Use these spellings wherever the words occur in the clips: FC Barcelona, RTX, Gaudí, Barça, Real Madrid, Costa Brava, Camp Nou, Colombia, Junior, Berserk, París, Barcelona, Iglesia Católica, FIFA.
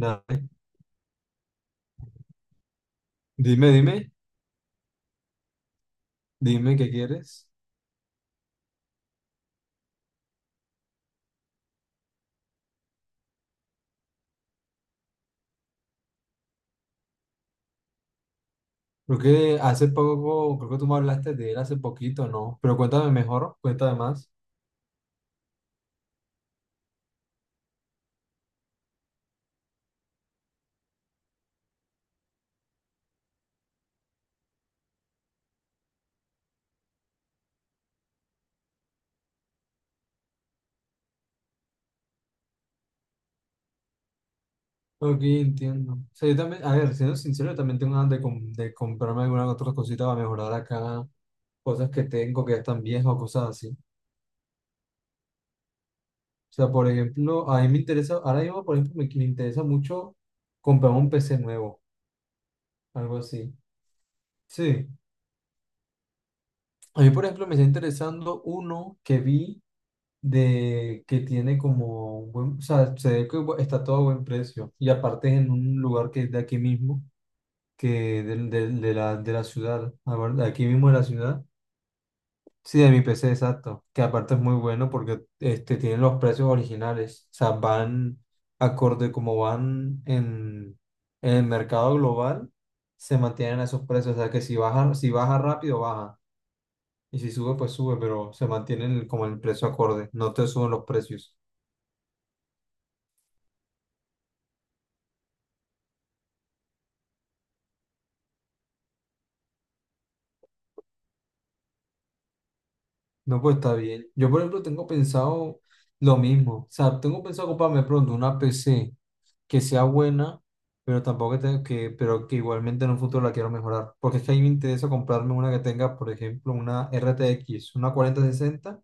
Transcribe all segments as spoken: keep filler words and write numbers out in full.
Nada. Dime, dime, dime qué quieres. Creo que hace poco, creo que tú me hablaste de él hace poquito, ¿no? Pero cuéntame mejor, cuéntame más. Ok, entiendo. O sea, yo también, a ver, siendo sincero, yo también tengo ganas de, com- de comprarme algunas otras cositas para mejorar acá, cosas que tengo que ya están viejas o cosas así. O sea, por ejemplo, a mí me interesa, ahora mismo, por ejemplo, me, me interesa mucho comprarme un P C nuevo, algo así. Sí. A mí, por ejemplo, me está interesando uno que vi, de que tiene como un buen, o sea, se ve que está todo a buen precio. Y aparte es en un lugar que es de aquí mismo, que del- del- de, la, de la ciudad, a ver, de aquí mismo de la ciudad. Sí, de mi P C, exacto. Que aparte es muy bueno porque este, tienen los precios originales. O sea, van acorde como van en, en, el mercado global, se mantienen a esos precios. O sea, que si baja, si baja rápido, baja. Y si sube, pues sube, pero se mantienen el- como el precio acorde. No te suben los precios. No, pues está bien. Yo, por ejemplo, tengo pensado lo mismo. O sea, tengo pensado comprarme pronto una P C que sea buena, pero tampoco que tenga que, pero que igualmente en un futuro la quiero mejorar. Porque es que a mí me interesa comprarme una que tenga, por ejemplo, una R T X, una cuarenta sesenta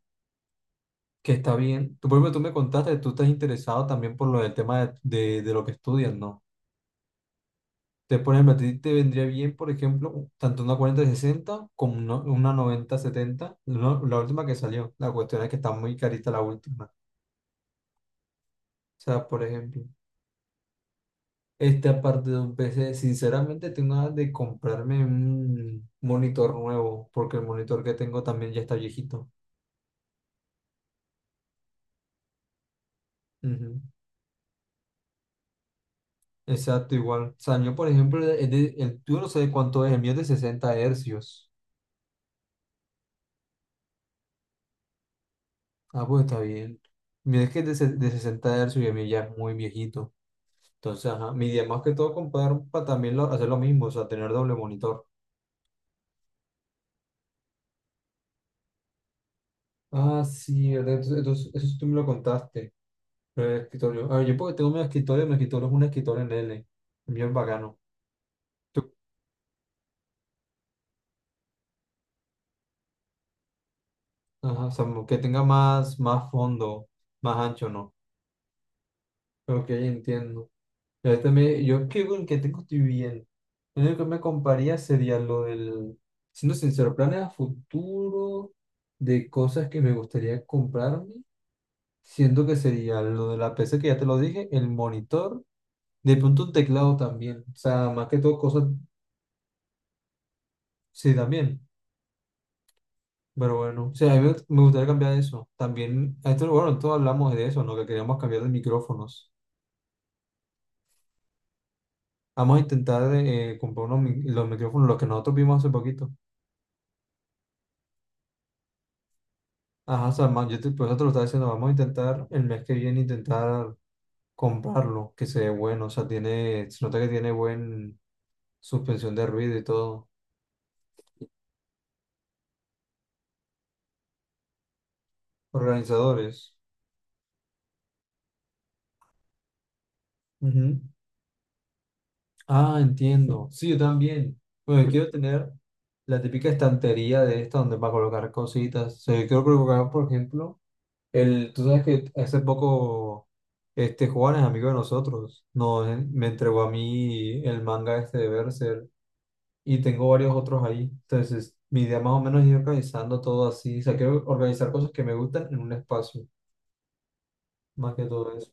que está bien. Tú, por ejemplo, tú me contaste que tú estás interesado también por lo del tema de, de, de lo que estudias, ¿no? Entonces, por ejemplo, a ti te vendría bien, por ejemplo, tanto una cuarenta sesenta como una, una noventa setenta no- la última que salió. La cuestión es que está muy carita la última. O sea, por ejemplo, este aparte de un P C, sinceramente tengo ganas de comprarme un monitor nuevo, porque el monitor que tengo también ya está viejito. Ujú. Exacto, igual. O sea, yo, por ejemplo, el, de- el- tú no sabes cuánto es, el mío es de sesenta hercios. Ah, pues está bien. Mira, es que es de, se- de sesenta hercios y el mío ya es muy viejito. Entonces, ajá, mi idea más que todo comprar para también lo- hacer lo mismo, o sea, tener doble monitor. Ah, sí, ¿verdad? Entonces, entonces, eso tú me lo contaste. Pero el escritorio. A ver, yo porque tengo mi escritorio, mi escritorio es un escritorio en L. Bien bacano. Tú- Ajá, o sea, mo- que tenga más, más fondo, más ancho, ¿no? Ok, entiendo. Y este, me, yo creo en que tengo estoy bien. Lo único que me compraría sería lo del, siendo sincero, planes a futuro de cosas que me gustaría comprarme. Siento que sería lo de la P C que ya te lo dije, el monitor, de pronto un teclado también. O sea, más que todo cosas, sí, también. Pero bueno, sí, a mí me me gustaría cambiar eso. También, a esto, bueno, todos hablamos de eso, ¿no? Que queríamos cambiar de micrófonos. Vamos a intentar eh, comprar unos mi- los micrófonos, los que nosotros vimos hace poquito. Ajá, o sea, ma- yo te, por eso te lo estaba diciendo, vamos a intentar el mes que viene intentar comprarlo, que se ve bueno, o sea, tiene, se nota que tiene buen suspensión de ruido y todo. Organizadores. Ujú. Ah, entiendo. Sí, yo también. Bueno, yo quiero tener la típica estantería de esta donde va a colocar cositas. O sea, yo quiero colocar, por ejemplo, el, tú sabes que hace poco este Juan es amigo de nosotros. No, en- me entregó a mí el manga este de Berserk y tengo varios otros ahí. Entonces, mi idea más o menos es ir organizando todo así. O sea, quiero organizar cosas que me gustan en un espacio, más que todo eso.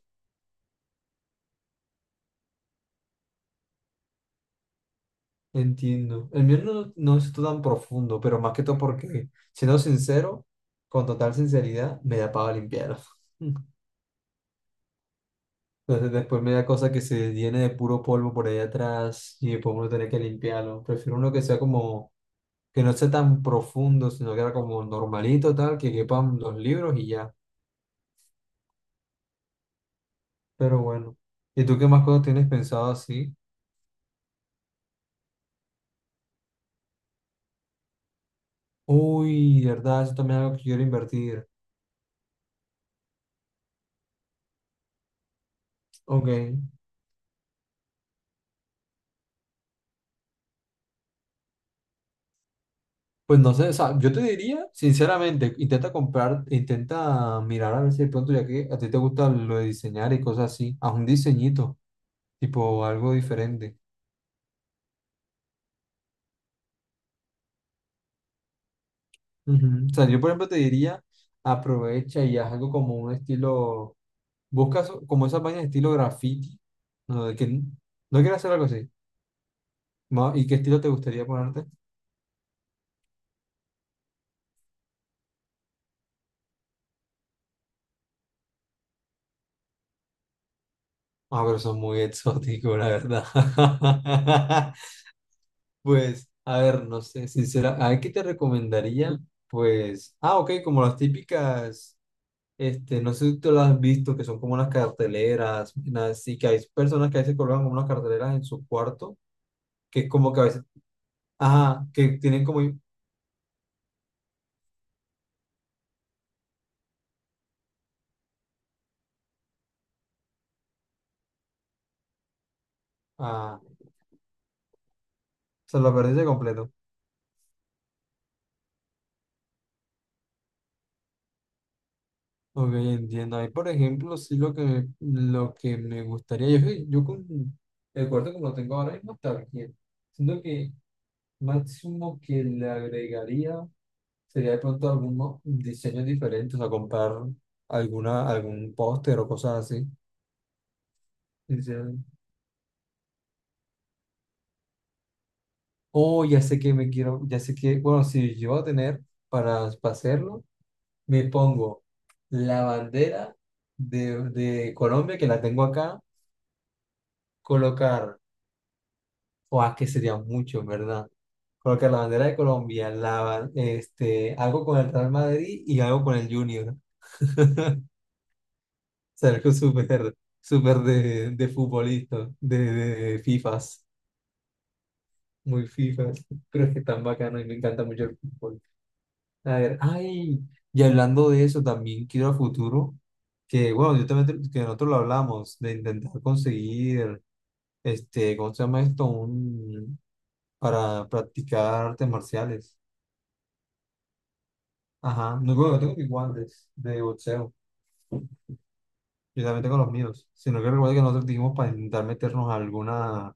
Entiendo. El mío no, no es tan profundo, pero más que todo porque, siendo sincero, con total sinceridad, me da pava limpiarlo. Entonces después me da cosa que se llene de puro polvo por ahí atrás y después uno tiene que limpiarlo. Prefiero uno que sea como, que no sea tan profundo, sino que era como normalito, tal, que quepan los libros y ya. Pero bueno. ¿Y tú qué más cosas tienes pensado así? Uy, verdad, eso también es algo que quiero invertir. Ok. Pues no sé, o sea, yo te diría, sinceramente, intenta comprar, intenta mirar a ver si de pronto, ya que a ti te gusta lo de diseñar y cosas así, haz un diseñito, tipo algo diferente. Ujú. O sea, yo por ejemplo te diría, aprovecha y haz algo como un estilo, busca so- como esas vainas de estilo graffiti, no, de que, no quieres hacer algo así. Ma- ¿Y qué estilo te gustaría ponerte? Ah, pero son muy exóticos, la verdad. Pues, a ver, no sé, sincera, ¿a qué te recomendaría? Pues, ah, ok, como las típicas, este, no sé si tú las has visto, que son como unas carteleras, unas- y que hay personas que a veces colocan como unas carteleras en su cuarto, que es como que a veces, ajá, que tienen como, ah, o sea, lo perdiste completo. Ok, entiendo. Ahí, por ejemplo, sí lo que, lo que, me gustaría, yo, soy- yo con el cuarto como lo tengo ahora mismo está bien. Siento que máximo que le agregaría. Sería de pronto algún mo- diseño diferente, o sea, comprar alguna, algún póster o cosas así. Diseño. Oh, ya sé que me quiero, ya sé que, bueno, si yo voy a tener para, para hacerlo, me pongo la bandera de, de Colombia, que la tengo acá, colocar, o que sería mucho, en ¿verdad? Colocar la bandera de Colombia, la, ba- este, algo con el Real Madrid y algo con el Junior. O sea, algo súper, súper de, de futbolista, de, de de FIFAs. Muy FIFA, pero es que tan bacano y me encanta mucho el fútbol. A ver, ay, y hablando de eso, también quiero a futuro, que bueno, yo también, te- que nosotros lo hablamos, de intentar conseguir, este, ¿cómo se llama esto? Un, para practicar artes marciales. Ajá, no, bueno, yo tengo mis guantes de boxeo, yo también tengo los míos, sino que recuerda que nosotros dijimos para intentar meternos alguna,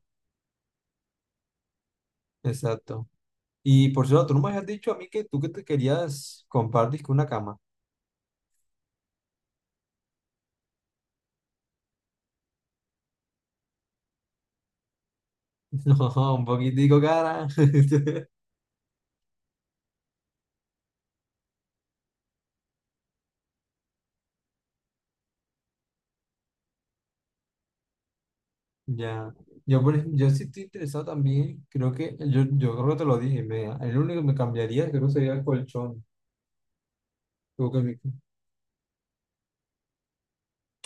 exacto. Y por cierto, tú no me habías dicho a mí que tú que te querías compartir con una cama. No, un poquitico cara. Ya. Yo, por ejemplo, yo sí estoy interesado también. Creo que, yo, yo creo que te lo dije. Me, el único que me cambiaría creo que sería el colchón. Creo que mi-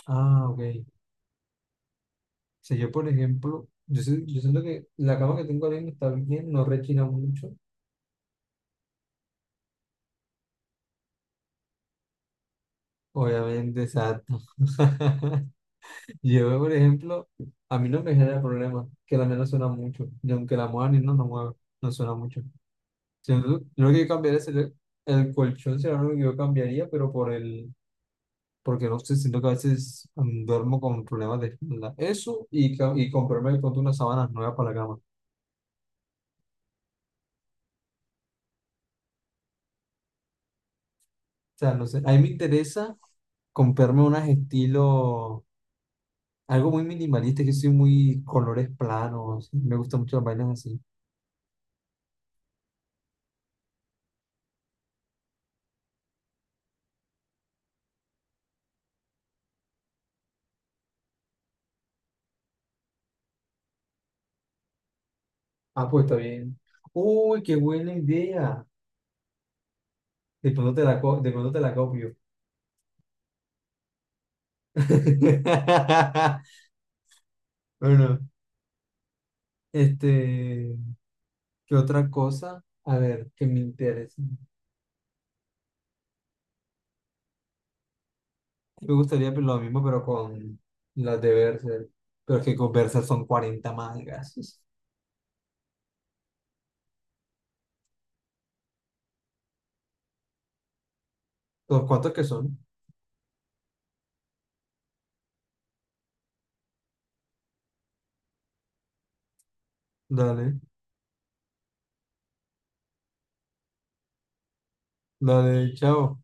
ah, ok. O sea, yo, por ejemplo, yo, sí- yo siento que la cama que tengo ahora mismo está bien, no rechina mucho. Obviamente, exacto. Yo, por ejemplo, a mí no me genera problema que la mía no suena mucho. Y aunque la mueva ni no, no mueve, no suena mucho. Sí, lo lo que cambiaría es el, el colchón, será lo único que yo cambiaría, pero por el, porque no sé, siento que a veces mm, duermo con problemas de espalda. Eso y, ca- y comprarme de pronto unas sábanas nuevas para la cama. O sea, no sé, a mí me interesa comprarme unas estilo, algo muy minimalista, que soy muy colores planos, me gustan mucho las vainas así. Ah, pues está bien. Uy, qué buena idea. De pronto te la, co- de pronto te la copio. Bueno, este... ¿Qué otra cosa? A ver, que me interesa. Me gustaría pues, lo mismo, pero con las de Berserk. Pero es que con Berserk son cuarenta mangas. ¿Los cuantos que son? Dale, dale, chao.